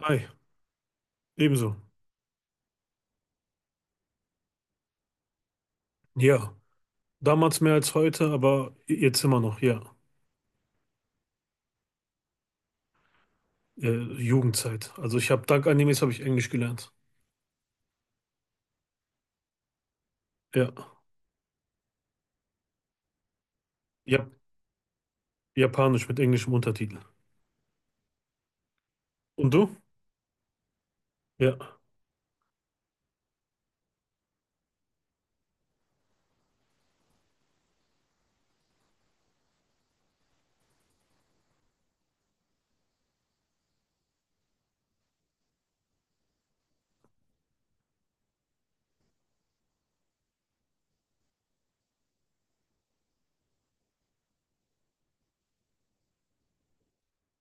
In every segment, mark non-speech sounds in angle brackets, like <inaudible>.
Hi, ebenso. Ja, damals mehr als heute, aber jetzt immer noch, ja. Äh, Jugendzeit. Also ich habe dank Animes habe ich Englisch gelernt. Ja. Ja, Japanisch mit englischem Untertitel. Und du? Ja.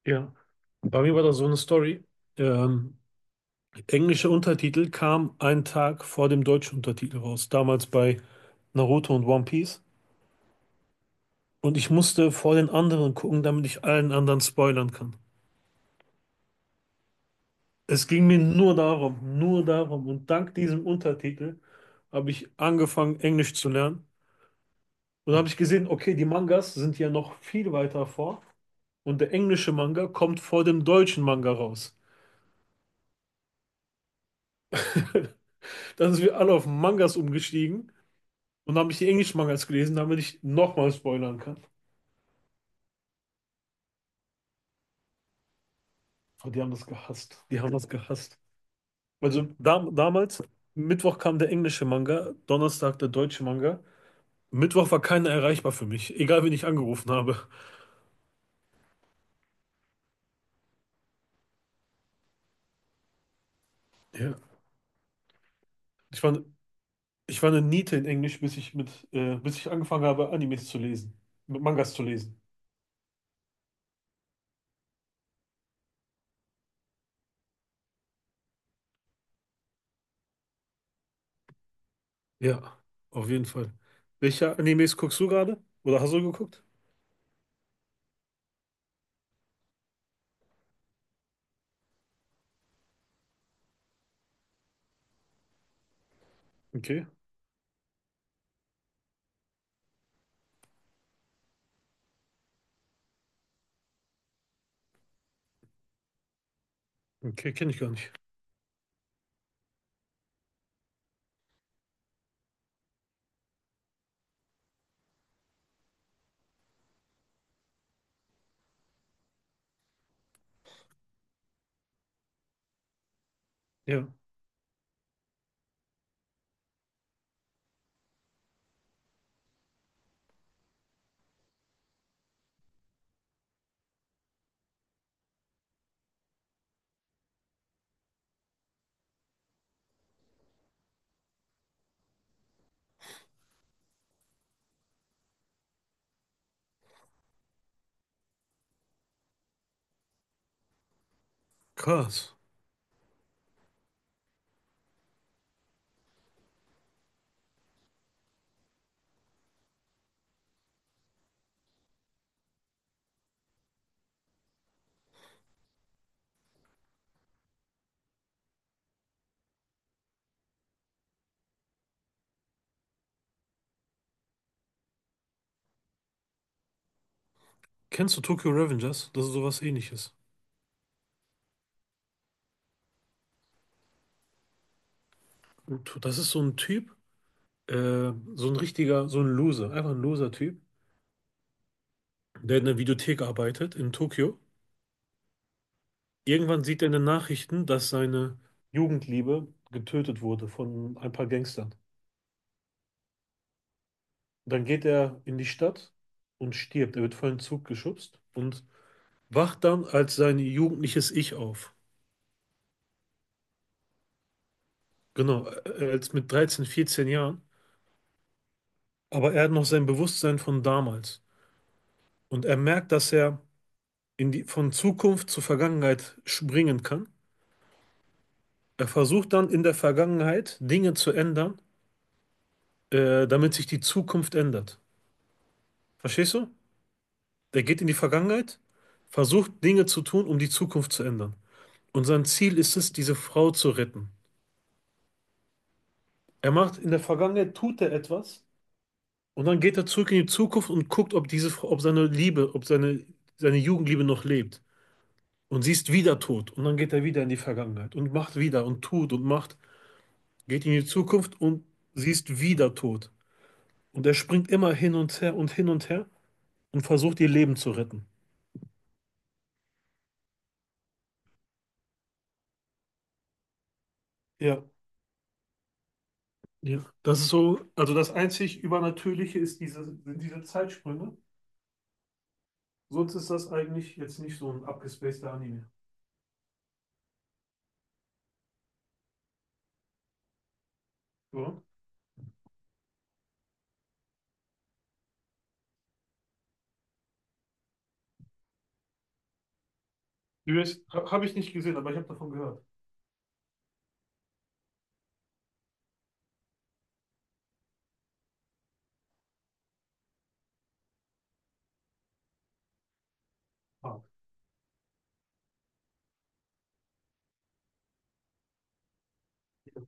Ja. Bei mir war das so eine Story. Ähm, Englische Untertitel kam einen Tag vor dem deutschen Untertitel raus. Damals bei Naruto und One Piece. Und ich musste vor den anderen gucken, damit ich allen anderen spoilern kann. Es ging mir nur darum, nur darum. Und dank diesem Untertitel habe ich angefangen, Englisch zu lernen. Und dann habe ich gesehen, okay, die Mangas sind ja noch viel weiter vor. Und der englische Manga kommt vor dem deutschen Manga raus. <laughs> Dann sind wir alle auf Mangas umgestiegen und haben ich die englischen Mangas gelesen, damit ich nochmal spoilern kann. Oh, die haben das gehasst. Die haben das gehasst. Also damals, Mittwoch kam der englische Manga, Donnerstag der deutsche Manga. Mittwoch war keiner erreichbar für mich, egal wen ich angerufen habe. Ja. Ich war Ich war eine Niete in Englisch, bis ich bis ich angefangen habe, Animes zu lesen, mit Mangas zu lesen. Ja, auf jeden Fall. Welche Animes guckst du gerade? Oder hast du geguckt? Okay, okay, kenne ich gar nicht. Ja, krass. Kennst du Tokyo Revengers? Das ist sowas ähnliches. Und das ist so ein Typ, äh, so ein richtiger, so ein Loser, einfach ein Loser-Typ, der in der Videothek arbeitet in Tokio. Irgendwann sieht er in den Nachrichten, dass seine Jugendliebe getötet wurde von ein paar Gangstern. Dann geht er in die Stadt und stirbt. Er wird vor einen Zug geschubst und wacht dann als sein jugendliches Ich auf. Genau, als mit 13, 14 Jahren. Aber er hat noch sein Bewusstsein von damals. Und er merkt, dass er von Zukunft zur Vergangenheit springen kann. Er versucht dann in der Vergangenheit Dinge zu ändern, damit sich die Zukunft ändert. Verstehst du? Der geht in die Vergangenheit, versucht Dinge zu tun, um die Zukunft zu ändern. Und sein Ziel ist es, diese Frau zu retten. Er macht in der Vergangenheit, tut er etwas und dann geht er zurück in die Zukunft und guckt, ob diese, Frau- ob seine Liebe, ob seine, seine Jugendliebe noch lebt. Und sie ist wieder tot. Und dann geht er wieder in die Vergangenheit und macht wieder und tut und macht, geht in die Zukunft und sie ist wieder tot. Und er springt immer hin und her und hin und her und versucht, ihr Leben zu retten. Ja, ja. Das ist so, also das einzig Übernatürliche ist sind diese Zeitsprünge. Sonst ist das eigentlich jetzt nicht so ein abgespaceder Anime. Oder? US habe ich nicht gesehen, aber ich habe davon gehört. Ah, ja,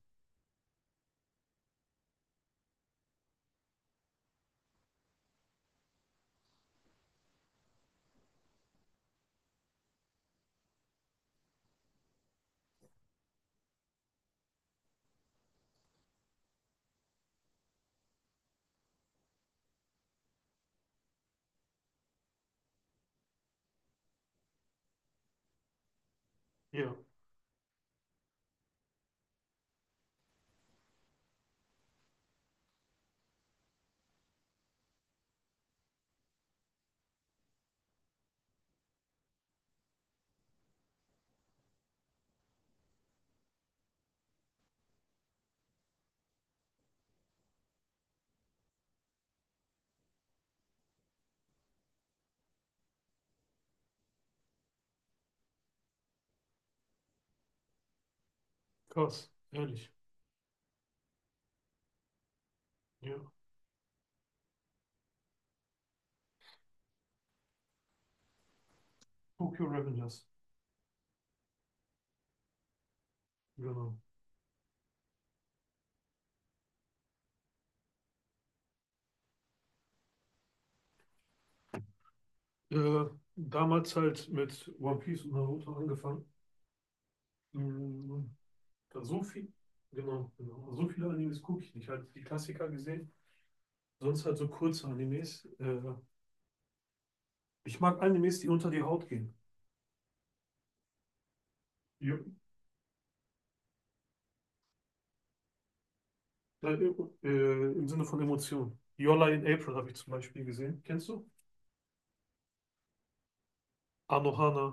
ja, krass, ehrlich. Ja, Tokyo Revengers, genau. Äh, Damals halt mit One Piece und Naruto angefangen. Mhm. Da so viel, genau, genau. So viele Animes gucke ich nicht. Halt die Klassiker gesehen, sonst halt so kurze Animes. Ich mag Animes, die unter die Haut gehen. Jo, äh, im Sinne von Emotionen. Your Lie in April habe ich zum Beispiel gesehen. Kennst du? Anohana.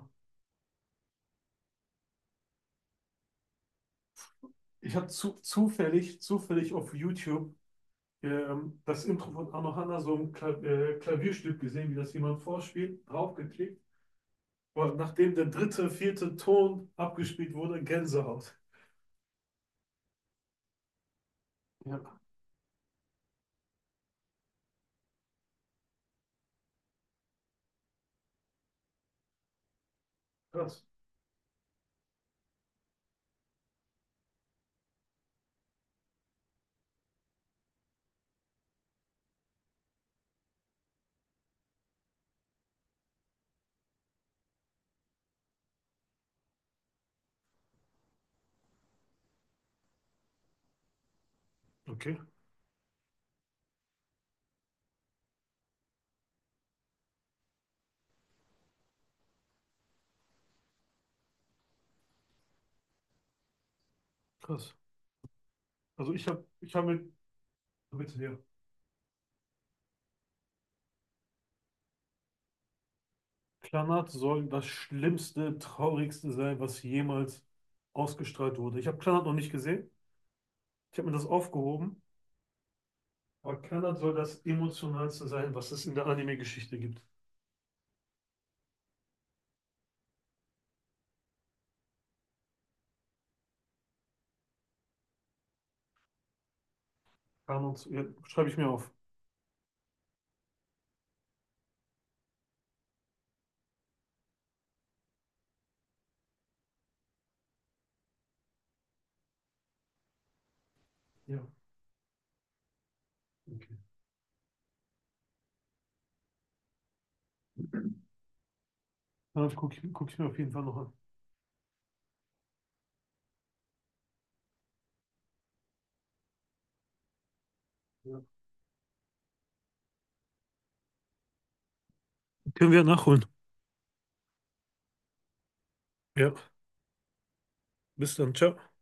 Ich habe zufällig auf YouTube das Intro von Arno Hanna, so ein Klavierstück gesehen, wie das jemand vorspielt, draufgeklickt. Und nachdem der dritte, vierte Ton abgespielt wurde, Gänsehaut. Ja, krass. Okay, krass. Also ich hab mit, bitte hier, Klanath soll das schlimmste, traurigste sein, was jemals ausgestrahlt wurde. Ich habe Klanath noch nicht gesehen. Ich habe mir das aufgehoben. Aber Klanath soll das emotionalste sein, was es in der Anime-Geschichte gibt. Carnox, ja, schreibe ich mir auf. Ja, okay. Dann guck ich mir auf jeden Fall noch an. Ja. Können wir nachholen. Ja, bis dann. Ciao.